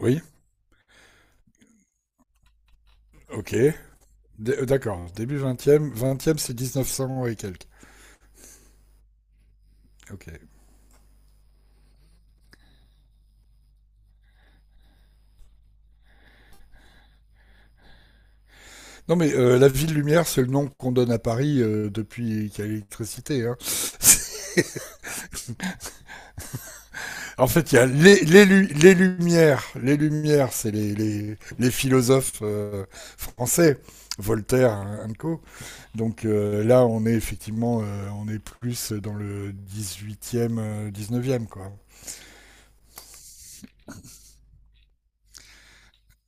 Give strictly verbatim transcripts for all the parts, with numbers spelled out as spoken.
Oui, OK. D- euh, D'accord, début vingtième, vingtième, c'est e neuf cents et quelques. OK. Non, mais euh, la ville lumière, c'est le nom qu'on donne à Paris euh, depuis qu'il y a l'électricité, hein. En fait, il y a les, les, lu- les lumières. Les lumières, c'est les, les, les philosophes euh, français, Voltaire, hein, and co. Donc euh, là, on est effectivement, euh, on est plus dans le dix-huitième, euh, dix-neuvième quoi.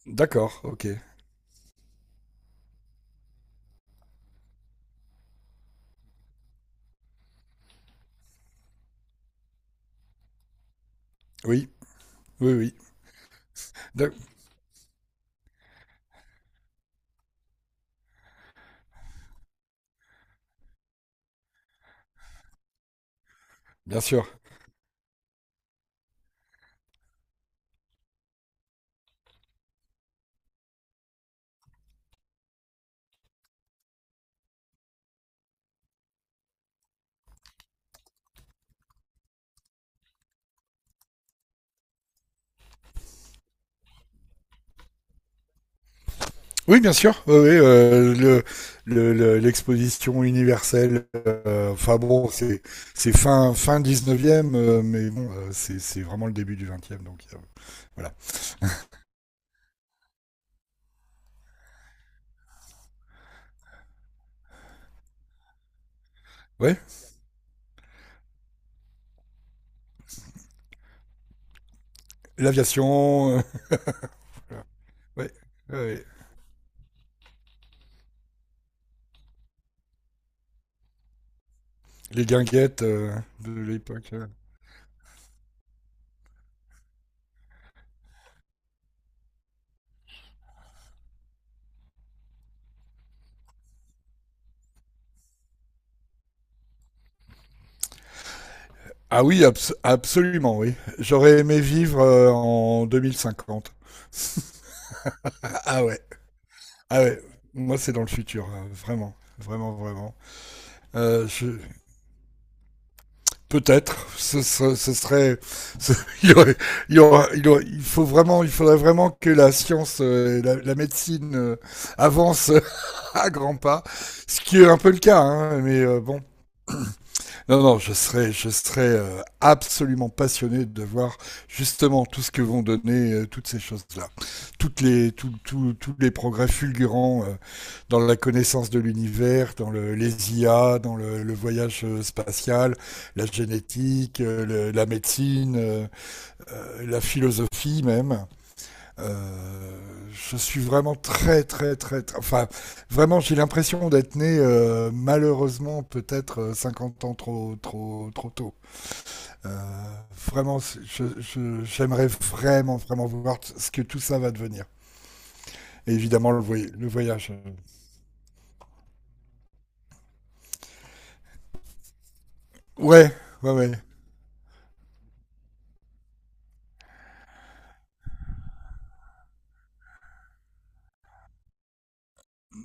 D'accord, OK. Oui, oui, oui. D'ac- Bien sûr. Oui, bien sûr. Oui, oui, euh, le- le- le- l'exposition universelle. euh, Enfin bon, c'est c'est fin fin dix-neuvième, euh, mais bon, euh, c'est c'est vraiment le début du vingtième, donc euh, voilà. Ouais, l'aviation. Euh, ouais, ouais, ouais. Les guinguettes euh, de l'époque. euh. Ah oui, abs- absolument, oui. J'aurais aimé vivre euh, en deux mille cinquante. Ah ouais, ah ouais. Moi, c'est dans le futur, euh, vraiment, vraiment, vraiment. Euh, je, Peut-être, ce, ce, ce serait, ce, il, y aurait, il, y aura, il, y aura, il, faut vraiment, il faudrait vraiment que la science, euh, la, la, médecine euh, avance à grands pas, ce qui est un peu le cas, hein, mais euh, bon, non, non, je serais, je serais euh, absolument passionné de voir justement tout ce que vont donner euh, toutes ces choses-là. Toutes les, tout- tout- Tous les progrès fulgurants euh, dans la connaissance de l'univers, dans le- les I A, dans le, le voyage euh, spatial, la génétique, euh, le- la médecine, euh, euh, la philosophie même. Euh, je suis vraiment très, très, très, très- enfin, vraiment, j'ai l'impression d'être né, euh, malheureusement, peut-être euh, cinquante ans trop, trop, trop tôt. Euh, Vraiment, c'est- je, je- j'aimerais vraiment, vraiment voir t- ce que tout ça va devenir. Et évidemment, le, voy- le voyage. euh. Ouais, ouais, ouais.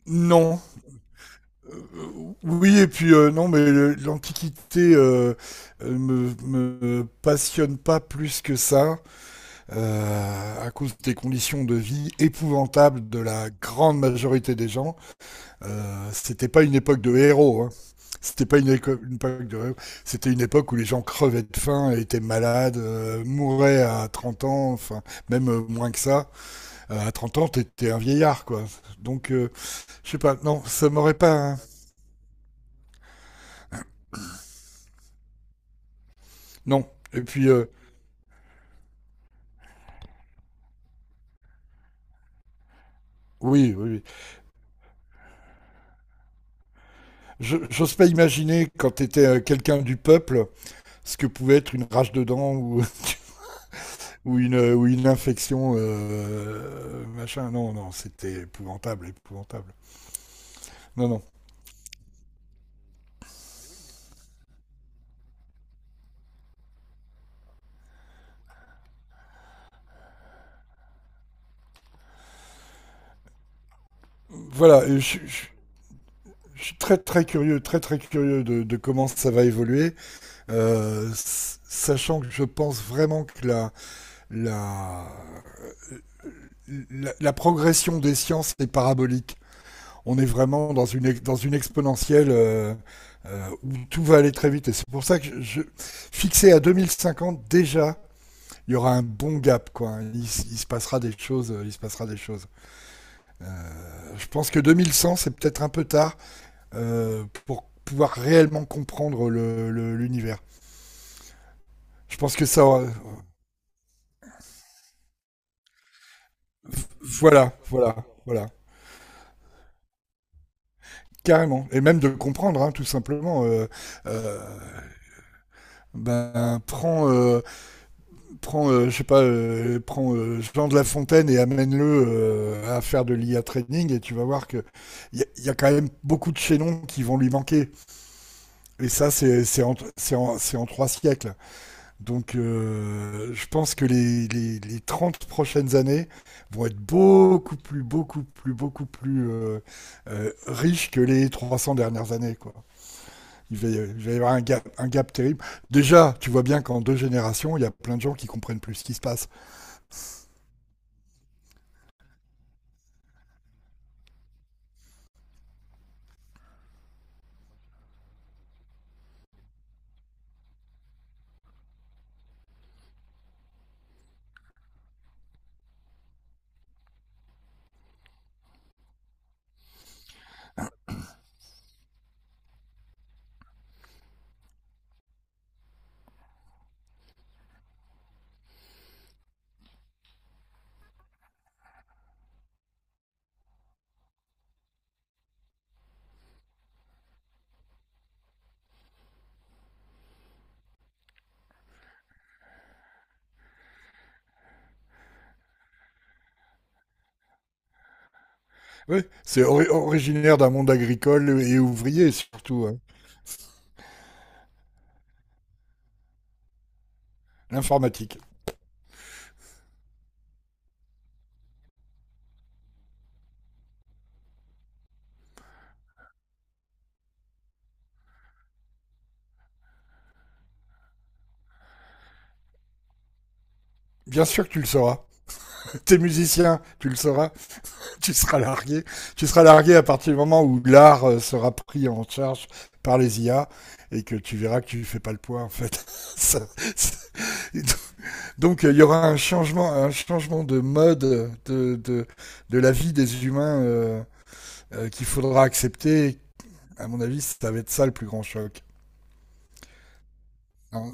Non. Euh, oui, et puis euh, non, mais le- l'Antiquité euh, euh, me, me passionne pas plus que ça, euh, à cause des conditions de vie épouvantables de la grande majorité des gens. Euh, c'était pas une époque de héros, hein. C'était pas une, éco- une époque de héros. C'était une époque où les gens crevaient de faim, étaient malades, euh, mouraient à trente ans, enfin même euh, moins que ça. Euh, à trente ans, t'étais un vieillard, quoi. Donc, euh, je sais pas. Non, ça m'aurait pas, hein. Non. Et puis, euh, oui, oui, oui. Je- J'ose pas imaginer quand t'étais euh, quelqu'un du peuple ce que pouvait être une rage de dents ou ou une, euh, ou une infection, euh, machin. Non, non, c'était épouvantable, épouvantable. Non, non. Voilà, je, je, je suis très, très curieux, très, très curieux de, de comment ça va évoluer, euh, s- sachant que je pense vraiment que la, la, la, la progression des sciences est parabolique. On est vraiment dans une, ex- dans une exponentielle. Euh, euh, où tout va aller très vite. Et c'est pour ça que je, je fixé à deux mille cinquante déjà, il y aura un bon gap, quoi, hein. Il, il se passera des choses. euh, Il se passera des choses. Euh, je pense que deux mille cent, c'est peut-être un peu tard euh, pour pouvoir réellement comprendre le- le- l'univers. Je pense que ça. euh, Voilà, voilà, voilà. Carrément. Et même de comprendre, hein, tout simplement. Euh, euh, ben, prends, euh, prends euh, je sais pas, euh, prends euh, Jean de La Fontaine et amène-le euh, à faire de l'I A training et tu vas voir que il y, a- y a quand même beaucoup de chaînons qui vont lui manquer. Et ça, c'est c'est en, c'est en, c'est en trois siècles. Donc, euh, je pense que les, les, les trente prochaines années vont être beaucoup plus, beaucoup plus, beaucoup plus euh, euh, riches que les trois cents dernières années, quoi. Il va, y- il va y avoir un gap, un gap terrible. Déjà, tu vois bien qu'en deux générations, il y a plein de gens qui comprennent plus ce qui se passe. Oui, c'est ori- originaire d'un monde agricole et ouvrier, surtout, hein. L'informatique. Bien sûr que tu le sauras. T'es musicien, tu le sauras. Tu seras largué. Tu seras largué à partir du moment où l'art euh, sera pris en charge par les I A et que tu verras que tu fais pas le poids en fait. Ça, donc il y aura un changement, un changement de mode de, de, de la vie des humains euh, euh, qu'il faudra accepter. À mon avis, ça va être ça le plus grand choc. En,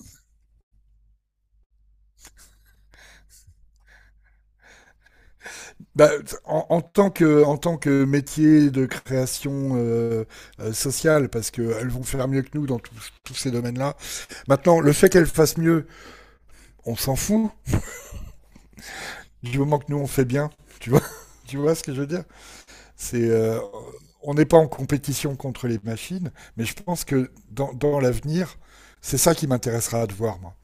bah, en, en, tant que, en tant que métier de création euh, euh, sociale, parce qu'elles vont faire mieux que nous dans tout- tous ces domaines-là. Maintenant, le fait qu'elles fassent mieux, on s'en fout du moment que nous on fait bien. Tu vois, tu vois ce que je veux dire. C'est euh, On n'est pas en compétition contre les machines, mais je pense que dans, dans l'avenir, c'est ça qui m'intéressera de voir moi.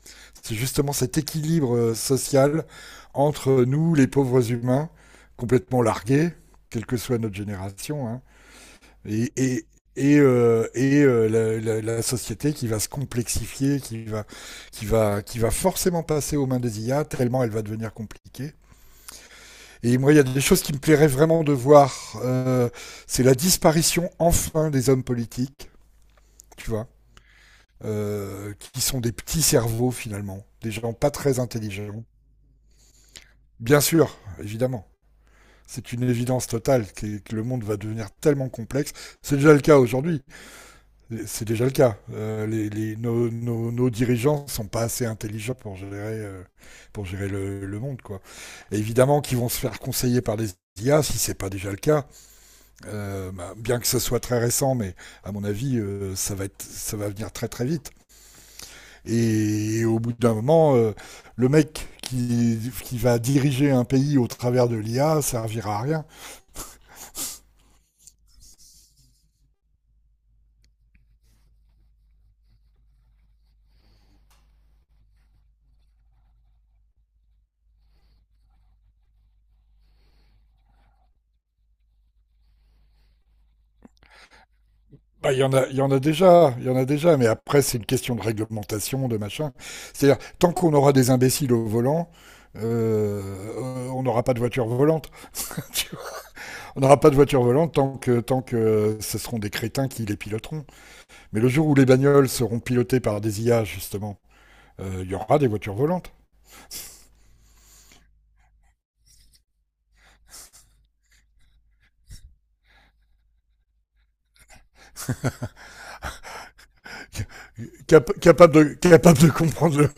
C'est justement cet équilibre euh, social entre nous, les pauvres humains, complètement largués, quelle que soit notre génération, hein, et, et, et, euh, et euh, la, la- la société qui va se complexifier, qui va, qui va, qui va forcément passer aux mains des I A, tellement elle va devenir compliquée. Et moi, il y a des choses qui me plairaient vraiment de voir. Euh, c'est la disparition enfin des hommes politiques, tu vois, euh, qui sont des petits cerveaux finalement, des gens pas très intelligents. Bien sûr, évidemment. C'est une évidence totale que, que le monde va devenir tellement complexe. C'est déjà le cas aujourd'hui. C'est déjà le cas. Euh, les, les, nos, nos, nos dirigeants sont pas assez intelligents pour gérer, euh, pour gérer le, le monde, quoi. Et évidemment, qu'ils vont se faire conseiller par des I A, si c'est pas déjà le cas. Euh, bah, bien que ce soit très récent, mais à mon avis, euh, ça, va être, ça va venir très très vite. Et, et au bout d'un moment, euh, le mec qui, qui va diriger un pays au travers de l'I A servira à rien. Bah, il y en a, il y en a déjà, il y en a déjà. Mais après, c'est une question de réglementation, de machin. C'est-à-dire, tant qu'on aura des imbéciles au volant, euh, on n'aura pas de voiture volante. On n'aura pas de voiture volante tant que, tant que ce seront des crétins qui les piloteront. Mais le jour où les bagnoles seront pilotées par des I A, justement, il euh, y aura des voitures volantes. Cap- capables de, capable de comprendre. le-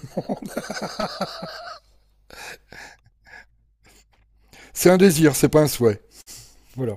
C'est un désir, c'est pas un souhait. Voilà.